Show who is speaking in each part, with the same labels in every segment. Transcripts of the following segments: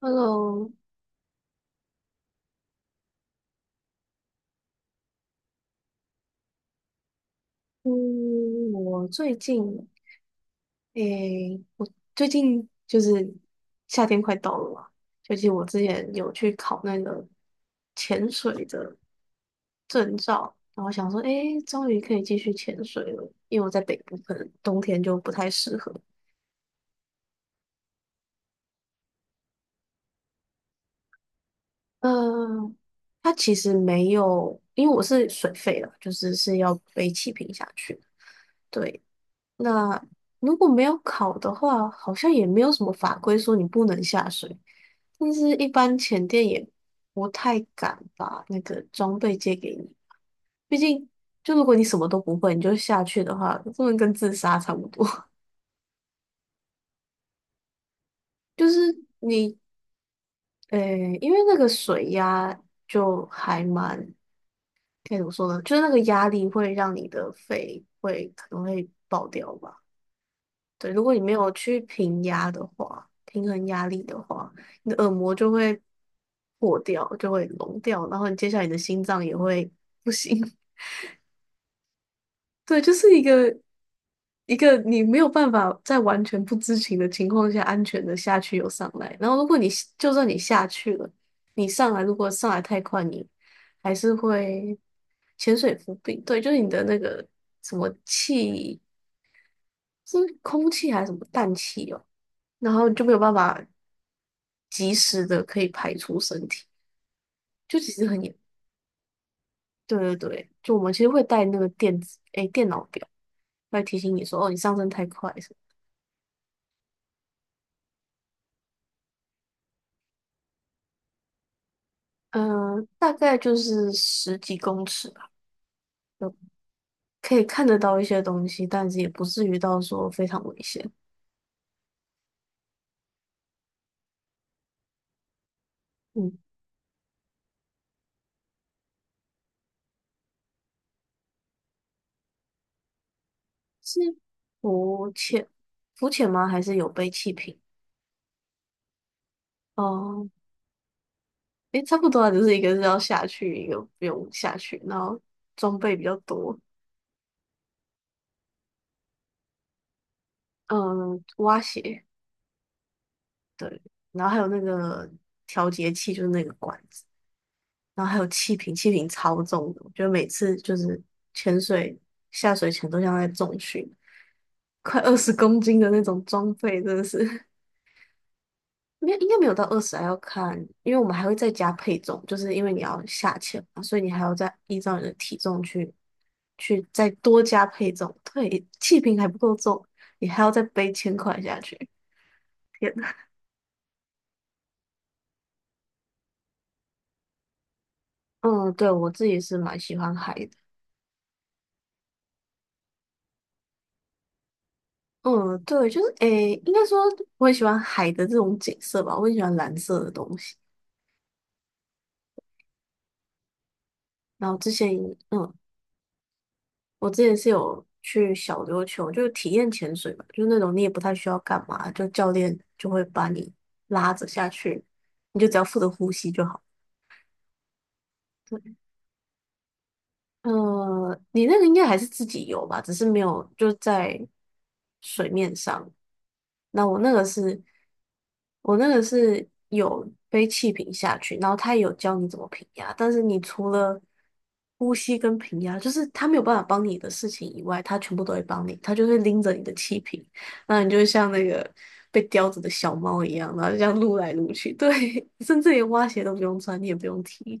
Speaker 1: Hello。嗯，我最近，诶，我最近就是夏天快到了嘛。最近我之前有去考那个潜水的证照，然后想说，诶，终于可以继续潜水了，因为我在北部，可能冬天就不太适合。嗯，它其实没有，因为我是水肺了，就是要背气瓶下去的。对。那如果没有考的话，好像也没有什么法规说你不能下水，但是一般潜店也不太敢把那个装备借给你，毕竟就如果你什么都不会，你就下去的话，真的跟自杀差不多。就是你，呃，因为那个水压就还蛮，该怎么说呢？就是那个压力会让你的肺会可能会爆掉吧。对，如果你没有去平压的话，平衡压力的话，你的耳膜就会破掉，就会聋掉，然后你接下来你的心脏也会不行。对，就是一个你没有办法在完全不知情的情况下安全的下去又上来，然后如果你就算你下去了，你上来如果上来太快，你还是会潜水浮病。对，就是你的那个什么气，是空气还是什么氮气哦，然后就没有办法。及时的可以排出身体。就其实很严。对对对，就我们其实会带那个电子，诶，电脑表，会提醒你说，哦，你上升太快什么。嗯、大概就是十几公尺吧，就可以看得到一些东西，但是也不至于到说非常危险。嗯，是浮潜，浮潜吗？还是有被气瓶？哦、诶，差不多啊，就是一个是要下去，一个不用下去，然后装备比较多。嗯，蛙鞋。对，然后还有那个调节器，就是那个管子，然后还有气瓶，气瓶超重的，我觉得每次就是潜水下水前都像在重训，快20公斤的那种装备，真的是没有应该没有到二十，还要看，因为我们还会再加配重，就是因为你要下潜嘛，所以你还要再依照你的体重去再多加配重，对，气瓶还不够重，你还要再背千块下去，天呐！嗯，对，我自己是蛮喜欢海的。嗯，对，就是诶，应该说我很喜欢海的这种景色吧，我很喜欢蓝色的东西。然后之前，嗯，我之前是有去小琉球，就是体验潜水嘛，就是那种你也不太需要干嘛，就教练就会把你拉着下去，你就只要负责呼吸就好。你那个应该还是自己游吧，只是没有就在水面上。那我那个是，我那个是有背气瓶下去，然后他也有教你怎么平压，但是你除了呼吸跟平压，就是他没有办法帮你的事情以外，他全部都会帮你，他就会拎着你的气瓶，那你就会像那个被叼着的小猫一样，然后就这样撸来撸去，对。甚至连蛙鞋都不用穿，你也不用踢。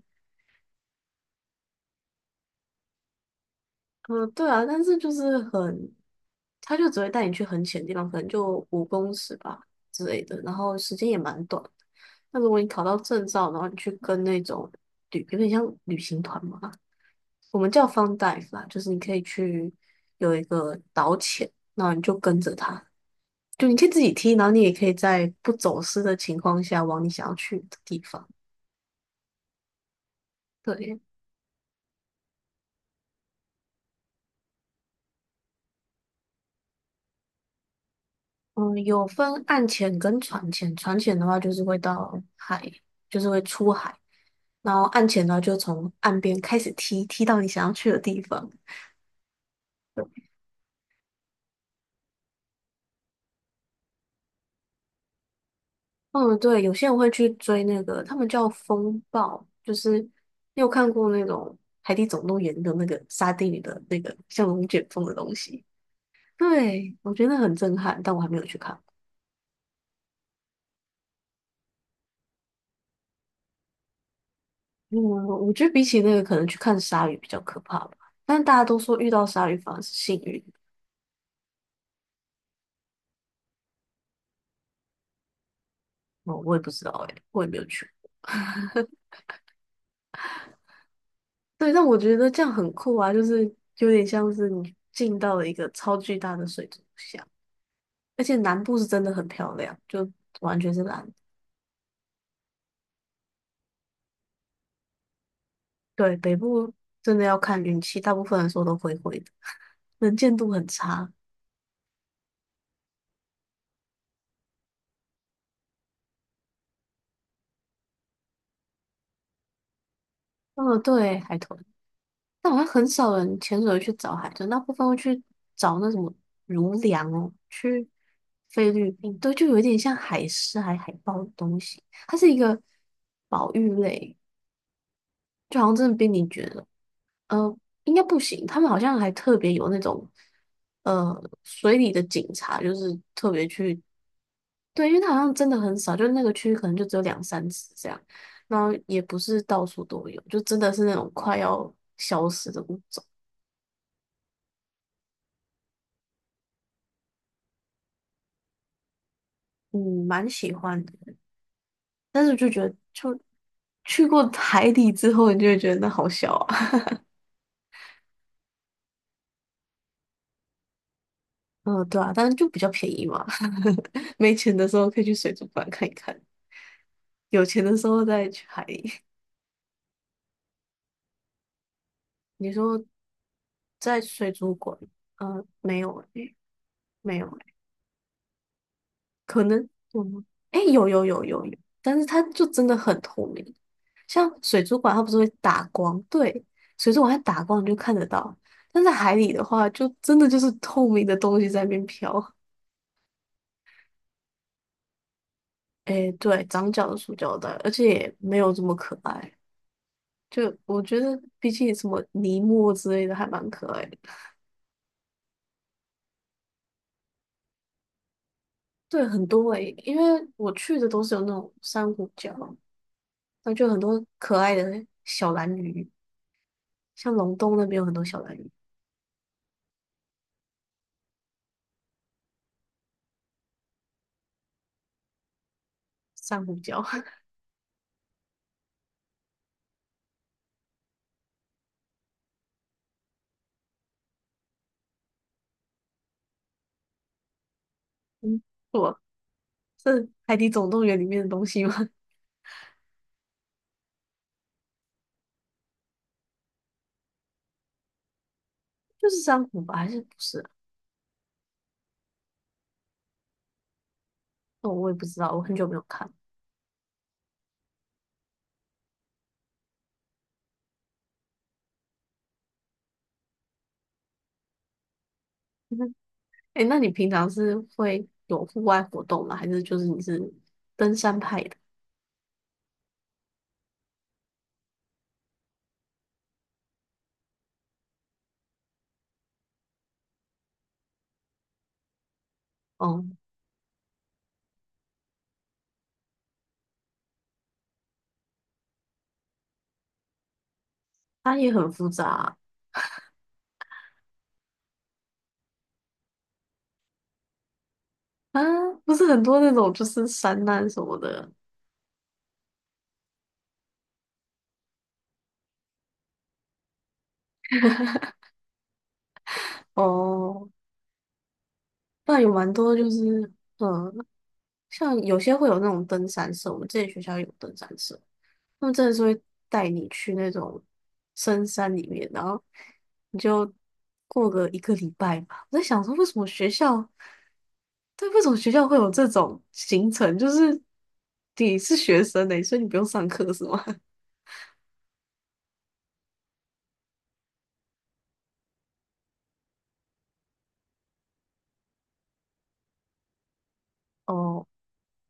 Speaker 1: 嗯，对啊，但是就是很，他就只会带你去很浅的地方，可能就5公尺吧之类的，然后时间也蛮短的。那如果你考到证照，然后你去跟那种旅，有点像旅行团嘛，我们叫 fun dive 啦，就是你可以去有一个导潜，然后你就跟着他，就你可以自己踢，然后你也可以在不走失的情况下往你想要去的地方。对。嗯，有分岸潜跟船潜，船潜的话就是会到海，就是会出海，然后岸潜呢，就从岸边开始踢，踢到你想要去的地方。对。嗯，对，有些人会去追那个，他们叫风暴，就是你有看过那种《海底总动员》的那个沙丁鱼的那个像龙卷风的东西？对，我觉得很震撼，但我还没有去看。嗯，我觉得比起那个，可能去看鲨鱼比较可怕吧。但大家都说遇到鲨鱼反而是幸运。哦，我也不知道哎，我也没有去。对，但我觉得这样很酷啊，就是有点像是你进到了一个超巨大的水族箱，而且南部是真的很漂亮，就完全是蓝的。对，北部真的要看运气，大部分人说都灰灰的，能见度很差。哦，对，海豚，但好像很少人潜水去找海豚，大部分会去找那什么儒梁哦，去菲律宾。对，就有一点像海狮还海豹的东西，它是一个保育类。就好像真的被你觉得，呃，应该不行。他们好像还特别有那种，水里的警察，就是特别去，对，因为他好像真的很少，就那个区域可能就只有两三次这样，然后也不是到处都有，就真的是那种快要消失的物种。嗯，蛮喜欢的，但是就觉得，就去过海底之后，你就会觉得那好小啊。嗯，对啊，但是就比较便宜嘛，没钱的时候可以去水族馆看一看，有钱的时候再去海里。你说在水族馆？没有诶，没有诶，可能有吗？诶，有有有有有，但是它就真的很透明，像水族馆它不是会打光？对，水族馆它打光你就看得到，但在海里的话，就真的就是透明的东西在那边飘。诶，对，长角的塑胶袋，而且也没有这么可爱。就我觉得，比起什么尼莫之类的，还蛮可爱的。对，很多诶，因为我去的都是有那种珊瑚礁。然后就有很多可爱的小蓝鱼，像龙洞那边有很多小蓝鱼。珊瑚礁。嗯，错，是《海底总动员》里面的东西吗？就是珊瑚吧，还是不是啊？哦，我也不知道，我很久没有看。哎那你平常是会有户外活动吗？还是就是你是登山派的？哦，它也很复杂啊，啊不是很多那种就是山难什么的。哦，那有蛮多就是嗯，像有些会有那种登山社，我们之前学校有登山社。他们真的是会带你去那种深山里面，然后你就过个一个礼拜吧。我在想说，为什么学校，对，为什么学校会有这种行程？就是你是学生呢，所以你不用上课是吗？哦，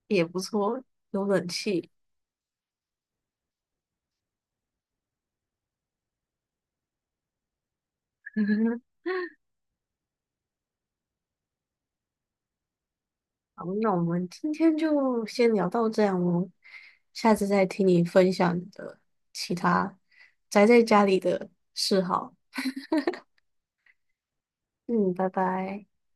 Speaker 1: 也不错，有冷气。好，那我们今天就先聊到这样哦，下次再听你分享你的其他宅在家里的嗜好。嗯，拜拜。